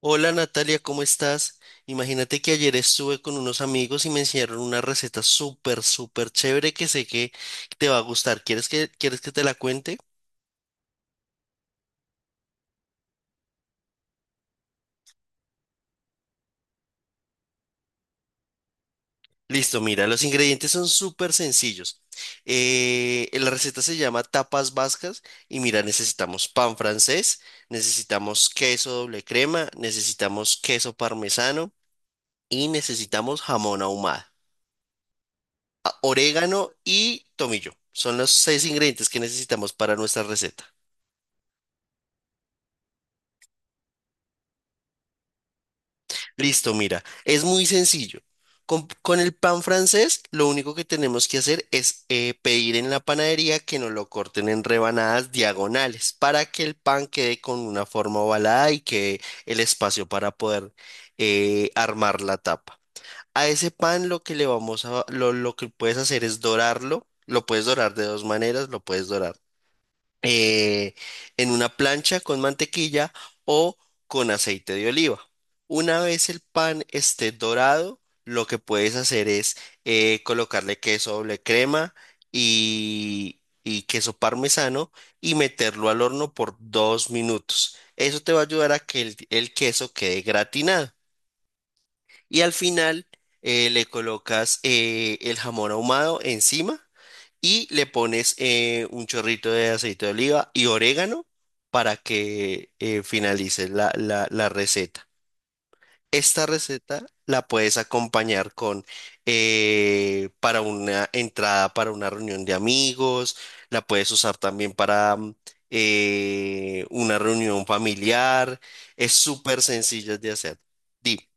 Hola Natalia, ¿cómo estás? Imagínate que ayer estuve con unos amigos y me enseñaron una receta súper, súper chévere que sé que te va a gustar. ¿Quieres que te la cuente? Listo, mira, los ingredientes son súper sencillos. La receta se llama tapas vascas y mira, necesitamos pan francés, necesitamos queso doble crema, necesitamos queso parmesano y necesitamos jamón ahumado, orégano y tomillo. Son los seis ingredientes que necesitamos para nuestra receta. Listo, mira, es muy sencillo. Con el pan francés, lo único que tenemos que hacer es pedir en la panadería que nos lo corten en rebanadas diagonales para que el pan quede con una forma ovalada y quede el espacio para poder armar la tapa. A ese pan lo que puedes hacer es dorarlo. Lo puedes dorar de dos maneras, lo puedes dorar eh, en una plancha con mantequilla o con aceite de oliva. Una vez el pan esté dorado, lo que puedes hacer es colocarle queso doble crema y queso parmesano y meterlo al horno por 2 minutos. Eso te va a ayudar a que el queso quede gratinado. Y al final le colocas el jamón ahumado encima y le pones un chorrito de aceite de oliva y orégano para que finalice la receta. Esta receta la puedes acompañar con para una entrada para una reunión de amigos, la puedes usar también para una reunión familiar. Es súper sencilla de hacer. Dime.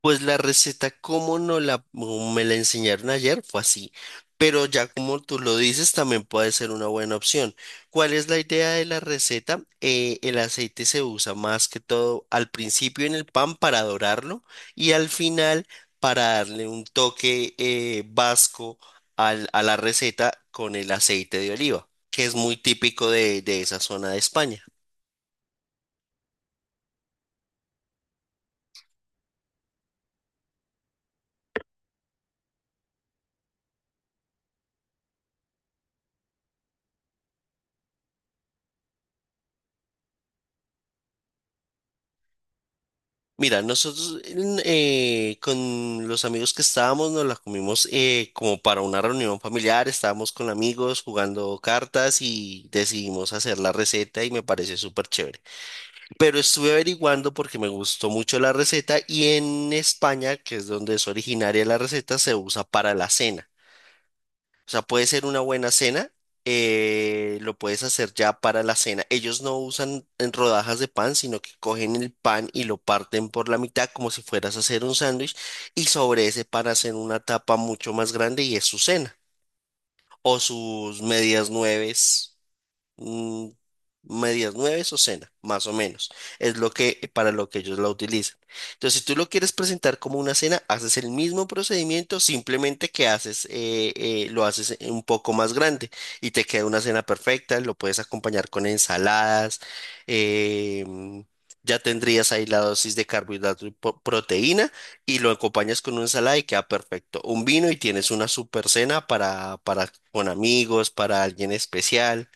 Pues la receta, como no la, como me la enseñaron ayer, fue así. Pero ya como tú lo dices, también puede ser una buena opción. ¿Cuál es la idea de la receta? El aceite se usa más que todo al principio en el pan para dorarlo y al final para darle un toque vasco a la receta con el aceite de oliva, que es muy típico de esa zona de España. Mira, nosotros con los amigos que estábamos nos la comimos como para una reunión familiar, estábamos con amigos jugando cartas y decidimos hacer la receta y me pareció súper chévere. Pero estuve averiguando porque me gustó mucho la receta y en España, que es donde es originaria la receta, se usa para la cena. O sea, puede ser una buena cena, lo puedes hacer ya para la cena. Ellos no usan en rodajas de pan, sino que cogen el pan y lo parten por la mitad como si fueras a hacer un sándwich y sobre ese pan hacen una tapa mucho más grande y es su cena o sus medias nueves, mm, medias nueves o cena, más o menos. Es lo que, para lo que ellos la utilizan. Entonces, si tú lo quieres presentar como una cena, haces el mismo procedimiento, simplemente que haces, lo haces un poco más grande y te queda una cena perfecta. Lo puedes acompañar con ensaladas. eh, Ya tendrías ahí la dosis de carbohidrato y proteína y lo acompañas con una ensalada y queda perfecto. Un vino y tienes una super cena para con amigos, para alguien especial.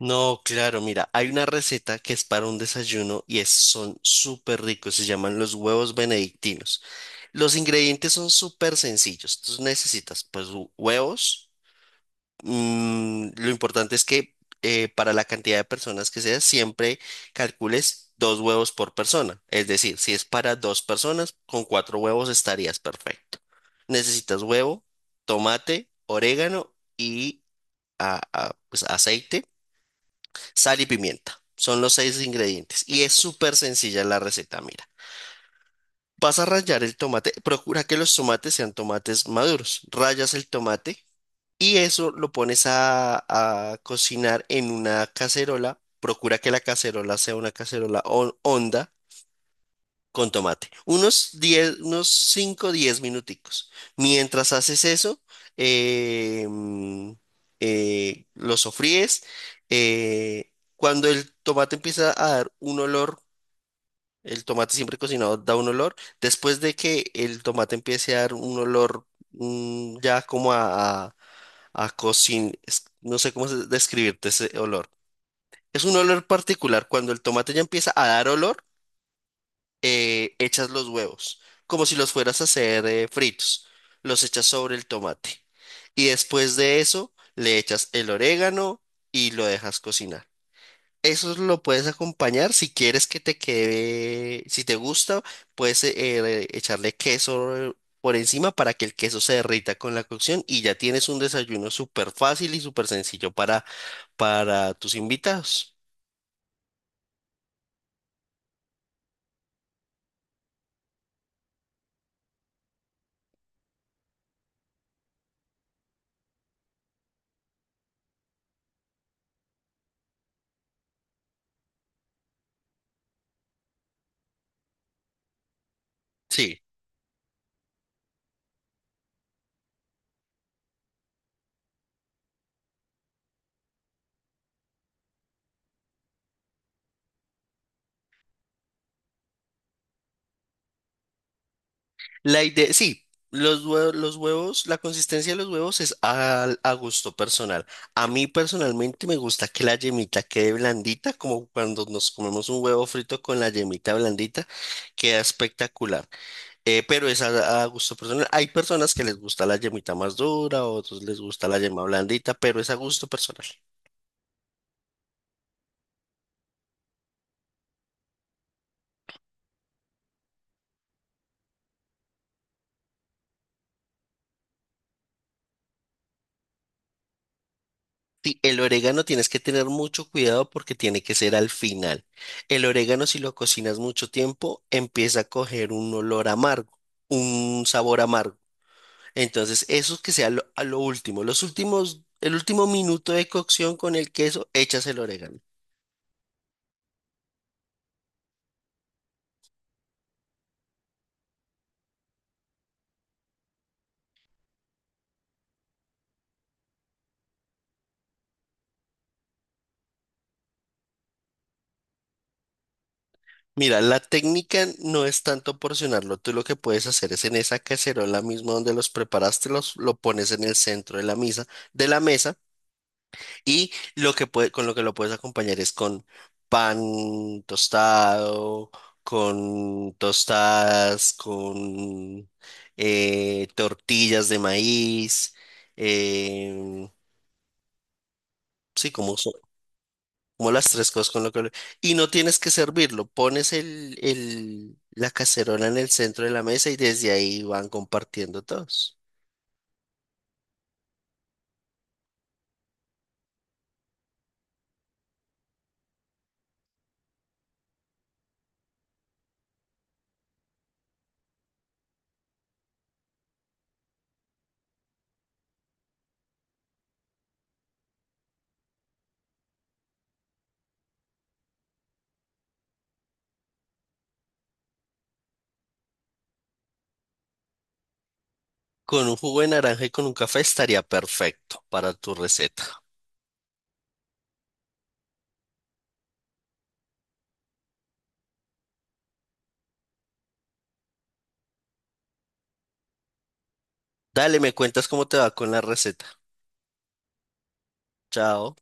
No, claro, mira, hay una receta que es para un desayuno y es, son súper ricos, se llaman los huevos benedictinos. Los ingredientes son súper sencillos, tú necesitas pues huevos, lo importante es que para la cantidad de personas que sea, siempre calcules dos huevos por persona, es decir, si es para dos personas, con cuatro huevos estarías perfecto. Necesitas huevo, tomate, orégano y pues, aceite, sal y pimienta. Son los seis ingredientes. Y es súper sencilla la receta, mira. Vas a rallar el tomate, procura que los tomates sean tomates maduros. Rayas el tomate y eso lo pones a cocinar en una cacerola. Procura que la cacerola sea una cacerola honda con tomate. Unos 5, 10 minuticos. Mientras haces eso, eh, mm, lo sofríes. Cuando el tomate empieza a dar un olor, el tomate siempre cocinado da un olor. Después de que el tomate empiece a dar un olor, ya como no sé cómo describirte ese olor. Es un olor particular. Cuando el tomate ya empieza a dar olor, echas los huevos, como si los fueras a hacer fritos, los echas sobre el tomate y después de eso le echas el orégano y lo dejas cocinar. Eso lo puedes acompañar si quieres que te quede, si te gusta, puedes echarle queso por encima para que el queso se derrita con la cocción y ya tienes un desayuno súper fácil y súper sencillo para tus invitados. Sí. La idea, sí, los huevos, la consistencia de los huevos es a gusto personal. A mí personalmente me gusta que la yemita quede blandita, como cuando nos comemos un huevo frito con la yemita blandita, queda espectacular. Pero es a gusto personal. Hay personas que les gusta la yemita más dura, otros les gusta la yema blandita, pero es a gusto personal. Sí, el orégano tienes que tener mucho cuidado porque tiene que ser al final. El orégano, si lo cocinas mucho tiempo, empieza a coger un olor amargo, un sabor amargo. Entonces, eso que sea lo, a lo último, los últimos, el último minuto de cocción con el queso, echas el orégano. Mira, la técnica no es tanto porcionarlo. Tú lo que puedes hacer es en esa cacerola misma donde los preparaste, lo pones en el centro de la de la mesa. Y lo que con lo que lo puedes acompañar es con pan tostado, con tostadas, con tortillas de maíz. em, sí, como las tres cosas con lo que... Y no tienes que servirlo, pones la cacerola en el centro de la mesa y desde ahí van compartiendo todos. Con un jugo de naranja y con un café estaría perfecto para tu receta. Dale, me cuentas cómo te va con la receta. Chao.